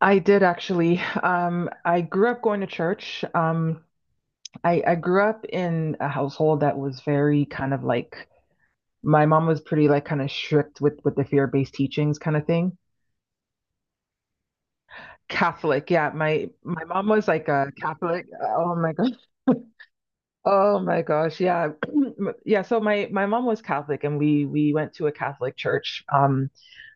I did actually. I grew up going to church. I grew up in a household that was very kind of like my mom was pretty like kind of strict with the fear-based teachings kind of thing. Catholic, yeah. My mom was like a Catholic. Oh my gosh. Oh my gosh, yeah. Yeah, so my mom was Catholic and we went to a Catholic church.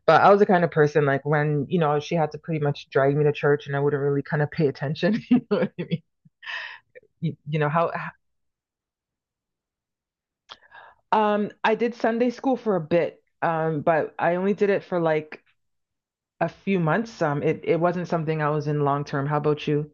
But I was the kind of person like when, you know, she had to pretty much drag me to church and I wouldn't really kind of pay attention, you know what I mean? You know how I did Sunday school for a bit, but I only did it for like a few months. It wasn't something I was in long term. How about you?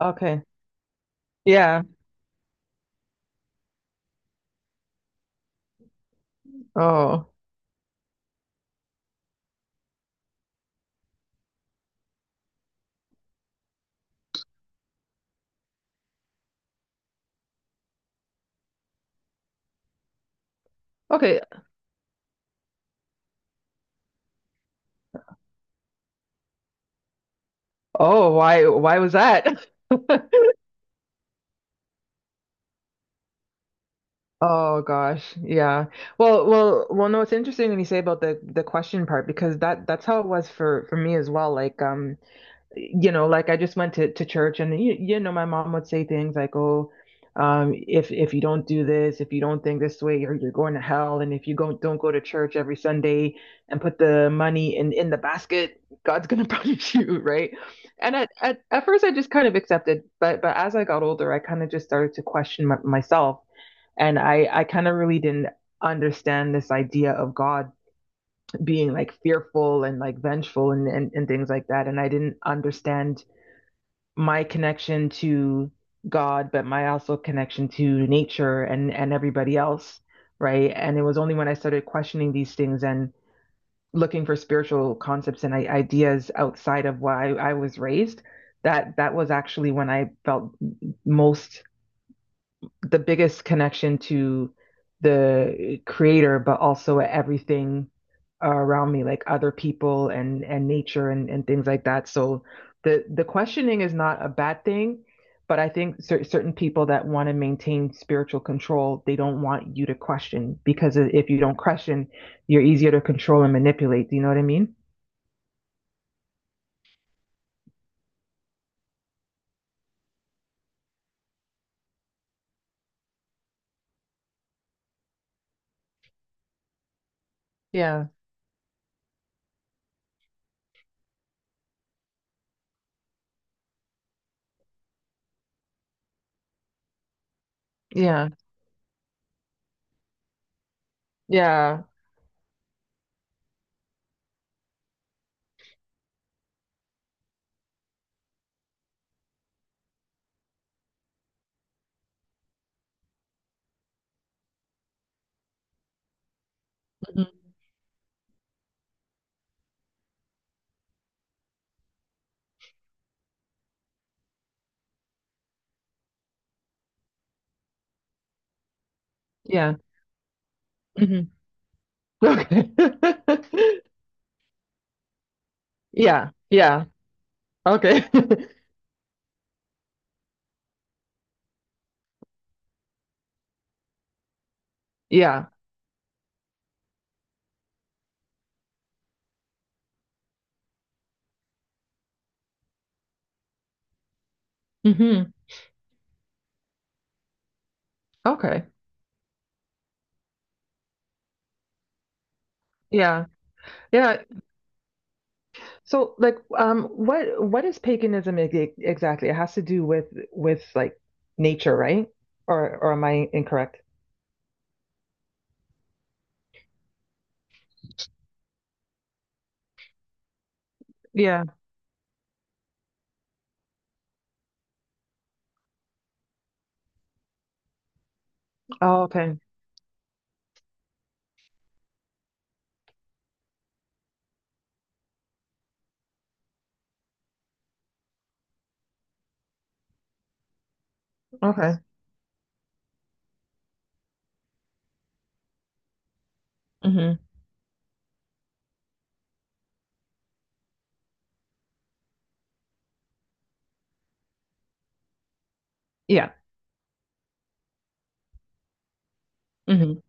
Okay. Yeah. Oh. Okay. Oh, why was that? Oh gosh, yeah. Well, well, well. No, it's interesting when you say about the question part because that's how it was for me as well. Like, you know, like I just went to church and my mom would say things like, "Oh, if you don't do this, if you don't think this way, you're going to hell, and if you go, don't go to church every Sunday and put the money in the basket, God's gonna punish you," right? And at first, I just kind of accepted, but as I got older, I kind of just started to question myself, and I kind of really didn't understand this idea of God being like fearful and like vengeful and things like that, and I didn't understand my connection to God, but my also connection to nature and everybody else, right? And it was only when I started questioning these things and looking for spiritual concepts and ideas outside of why I was raised that was actually when I felt most the biggest connection to the creator, but also everything around me, like other people and nature and things like that. So the questioning is not a bad thing, but I think certain people that want to maintain spiritual control, they don't want you to question because if you don't question, you're easier to control and manipulate. Do you know what I mean? Yeah, yeah, yeah, mhm, yeah, mhm. Okay. Yeah, yeah, okay. Yeah. Hmm. Okay. Yeah. Yeah. So like what is paganism exactly? It has to do with like nature, right? Or am I incorrect? Yeah. Oh, okay. Okay. Hmm. Yeah. Hmm.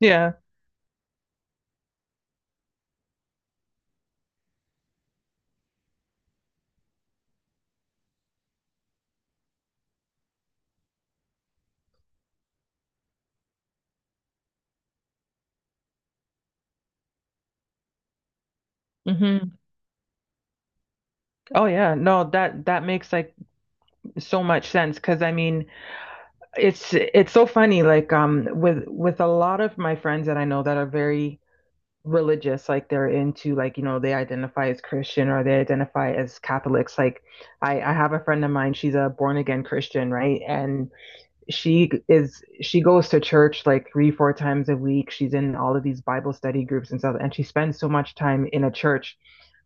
Yeah. Hmm. Oh yeah. No, that that makes like so much sense because I mean, it's so funny like with a lot of my friends that I know that are very religious, like they're into like, you know, they identify as Christian or they identify as Catholics. Like I have a friend of mine, she's a born again Christian, right? And she is she goes to church like three, four times a week. She's in all of these Bible study groups and stuff, and she spends so much time in a church.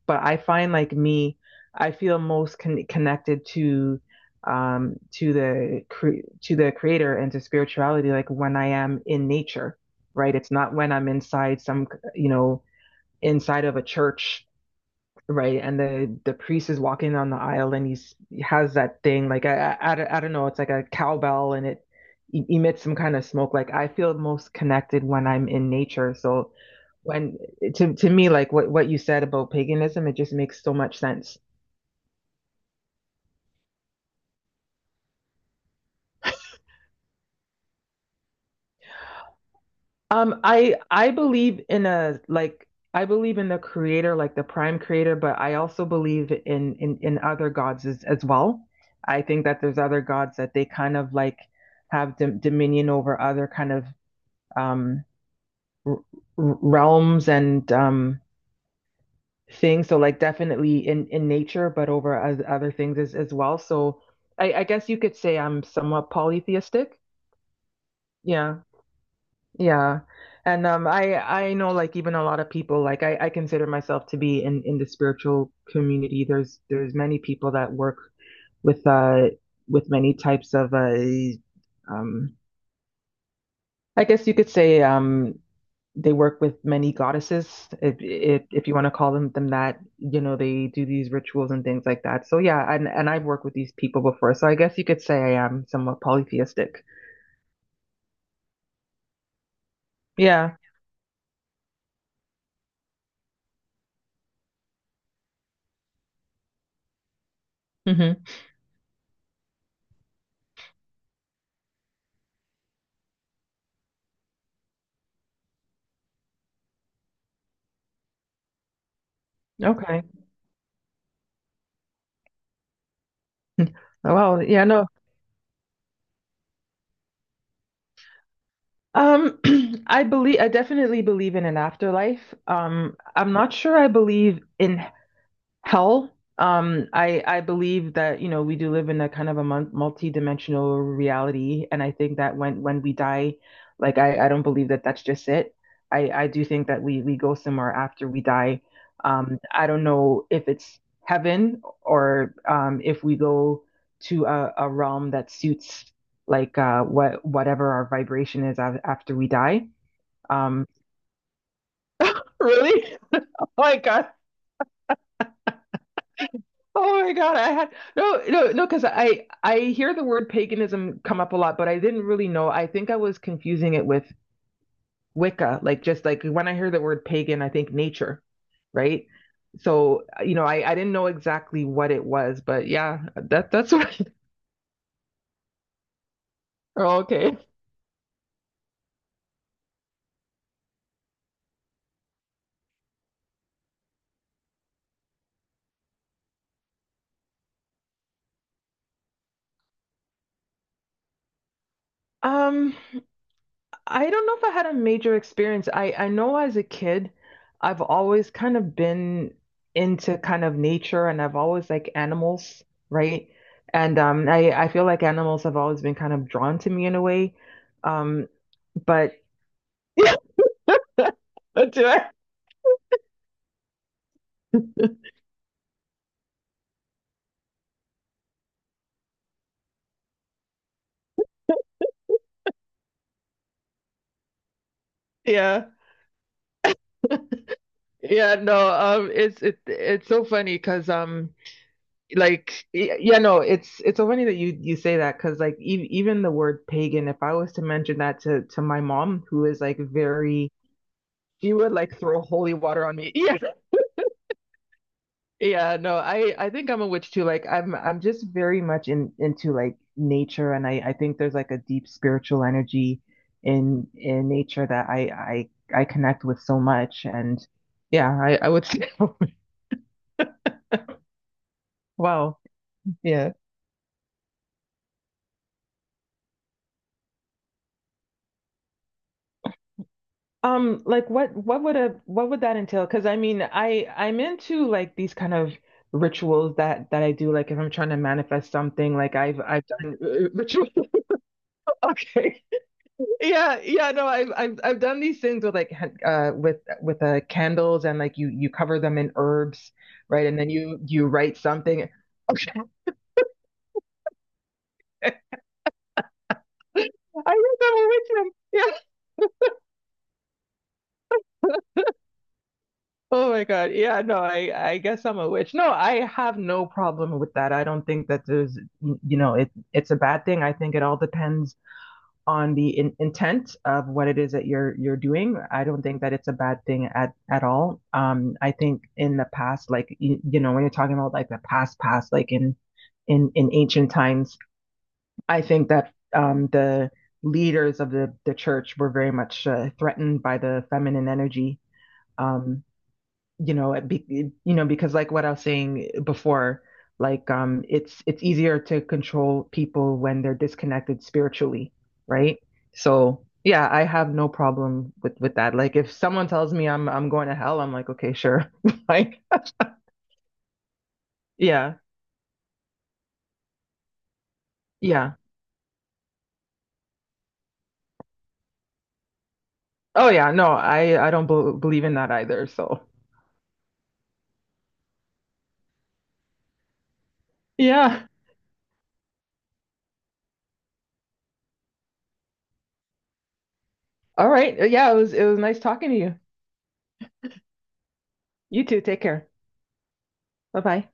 But I find like me, I feel most connected to the to the creator and to spirituality like when I am in nature right? It's not when I'm inside some, you know, inside of a church, right? And the priest is walking down the aisle and he has that thing like I don't- know, it's like a cowbell and it emits some kind of smoke. Like I feel most connected when I'm in nature. So when to me, like what you said about paganism, it just makes so much sense. I believe in a like I believe in the creator, like the prime creator, but I also believe in in other gods as well. I think that there's other gods that they kind of like have dominion over other kind of um r realms and things. So like definitely in nature, but over other things as well. So I guess you could say I'm somewhat polytheistic. Yeah. Yeah. And I know like even a lot of people like I consider myself to be in the spiritual community. There's many people that work with with many types of um I guess you could say they work with many goddesses if if you want to call them that. You know, they do these rituals and things like that. So yeah, and I've worked with these people before. So I guess you could say I am somewhat polytheistic. Yeah. Hmm. Okay. Well, yeah, no. Um, I believe I definitely believe in an afterlife. I'm not sure I believe in hell. I believe that, you know, we do live in a kind of a multi-dimensional reality, and I think that when we die, like I don't believe that that's just it. I do think that we go somewhere after we die. I don't know if it's heaven or if we go to a realm that suits like whatever our vibration is after we die. Um, really? Like I Oh my God, I had no, no, no, because I hear the word paganism come up a lot, but I didn't really know. I think I was confusing it with Wicca, like just like when I hear the word pagan, I think nature, right? So, you know, I didn't know exactly what it was, but yeah, that that's what. Oh, okay. Um, I don't know if I had a major experience. I know as a kid, I've always kind of been into kind of nature and I've always like animals, right? And I feel like animals have always been kind of drawn to me in a way. Um, but yeah, do I? Yeah. Yeah, no, it's it's so funny because like yeah, no, it's so funny that you say that because like e even the word pagan, if I was to mention that to my mom, who is like very she would like throw holy water on me. Yeah. Yeah, no, I think I'm a witch too. Like I'm just very much in into like nature and I think there's like a deep spiritual energy in nature that I connect with so much and yeah, I would say wow. Yeah. Like what would a what would that entail? Because I mean, I'm into like these kind of rituals that I do like if I'm trying to manifest something like I've done ritual. Okay. Yeah, yeah, no I've done these things with like with with candles and like you cover them in herbs right and then you write something okay I guess I'm a witch then. Yeah, oh my God yeah, no I guess I'm a witch no I have no problem with that I don't think that there's you know it's a bad thing I think it all depends on the intent of what it is that you're doing. I don't think that it's a bad thing at all. I think in the past, like you know, when you're talking about like the past past, like in in ancient times, I think that the leaders of the church were very much threatened by the feminine energy. Um, you know, it be, you know, because like what I was saying before, like it's easier to control people when they're disconnected spiritually, right? So yeah, I have no problem with that. Like if someone tells me I'm going to hell, I'm like, okay, sure. Like yeah, yeah. Oh yeah, no, I don't believe in that either. So yeah, all right. Yeah, it was nice talking to you. You too. Take care. Bye bye.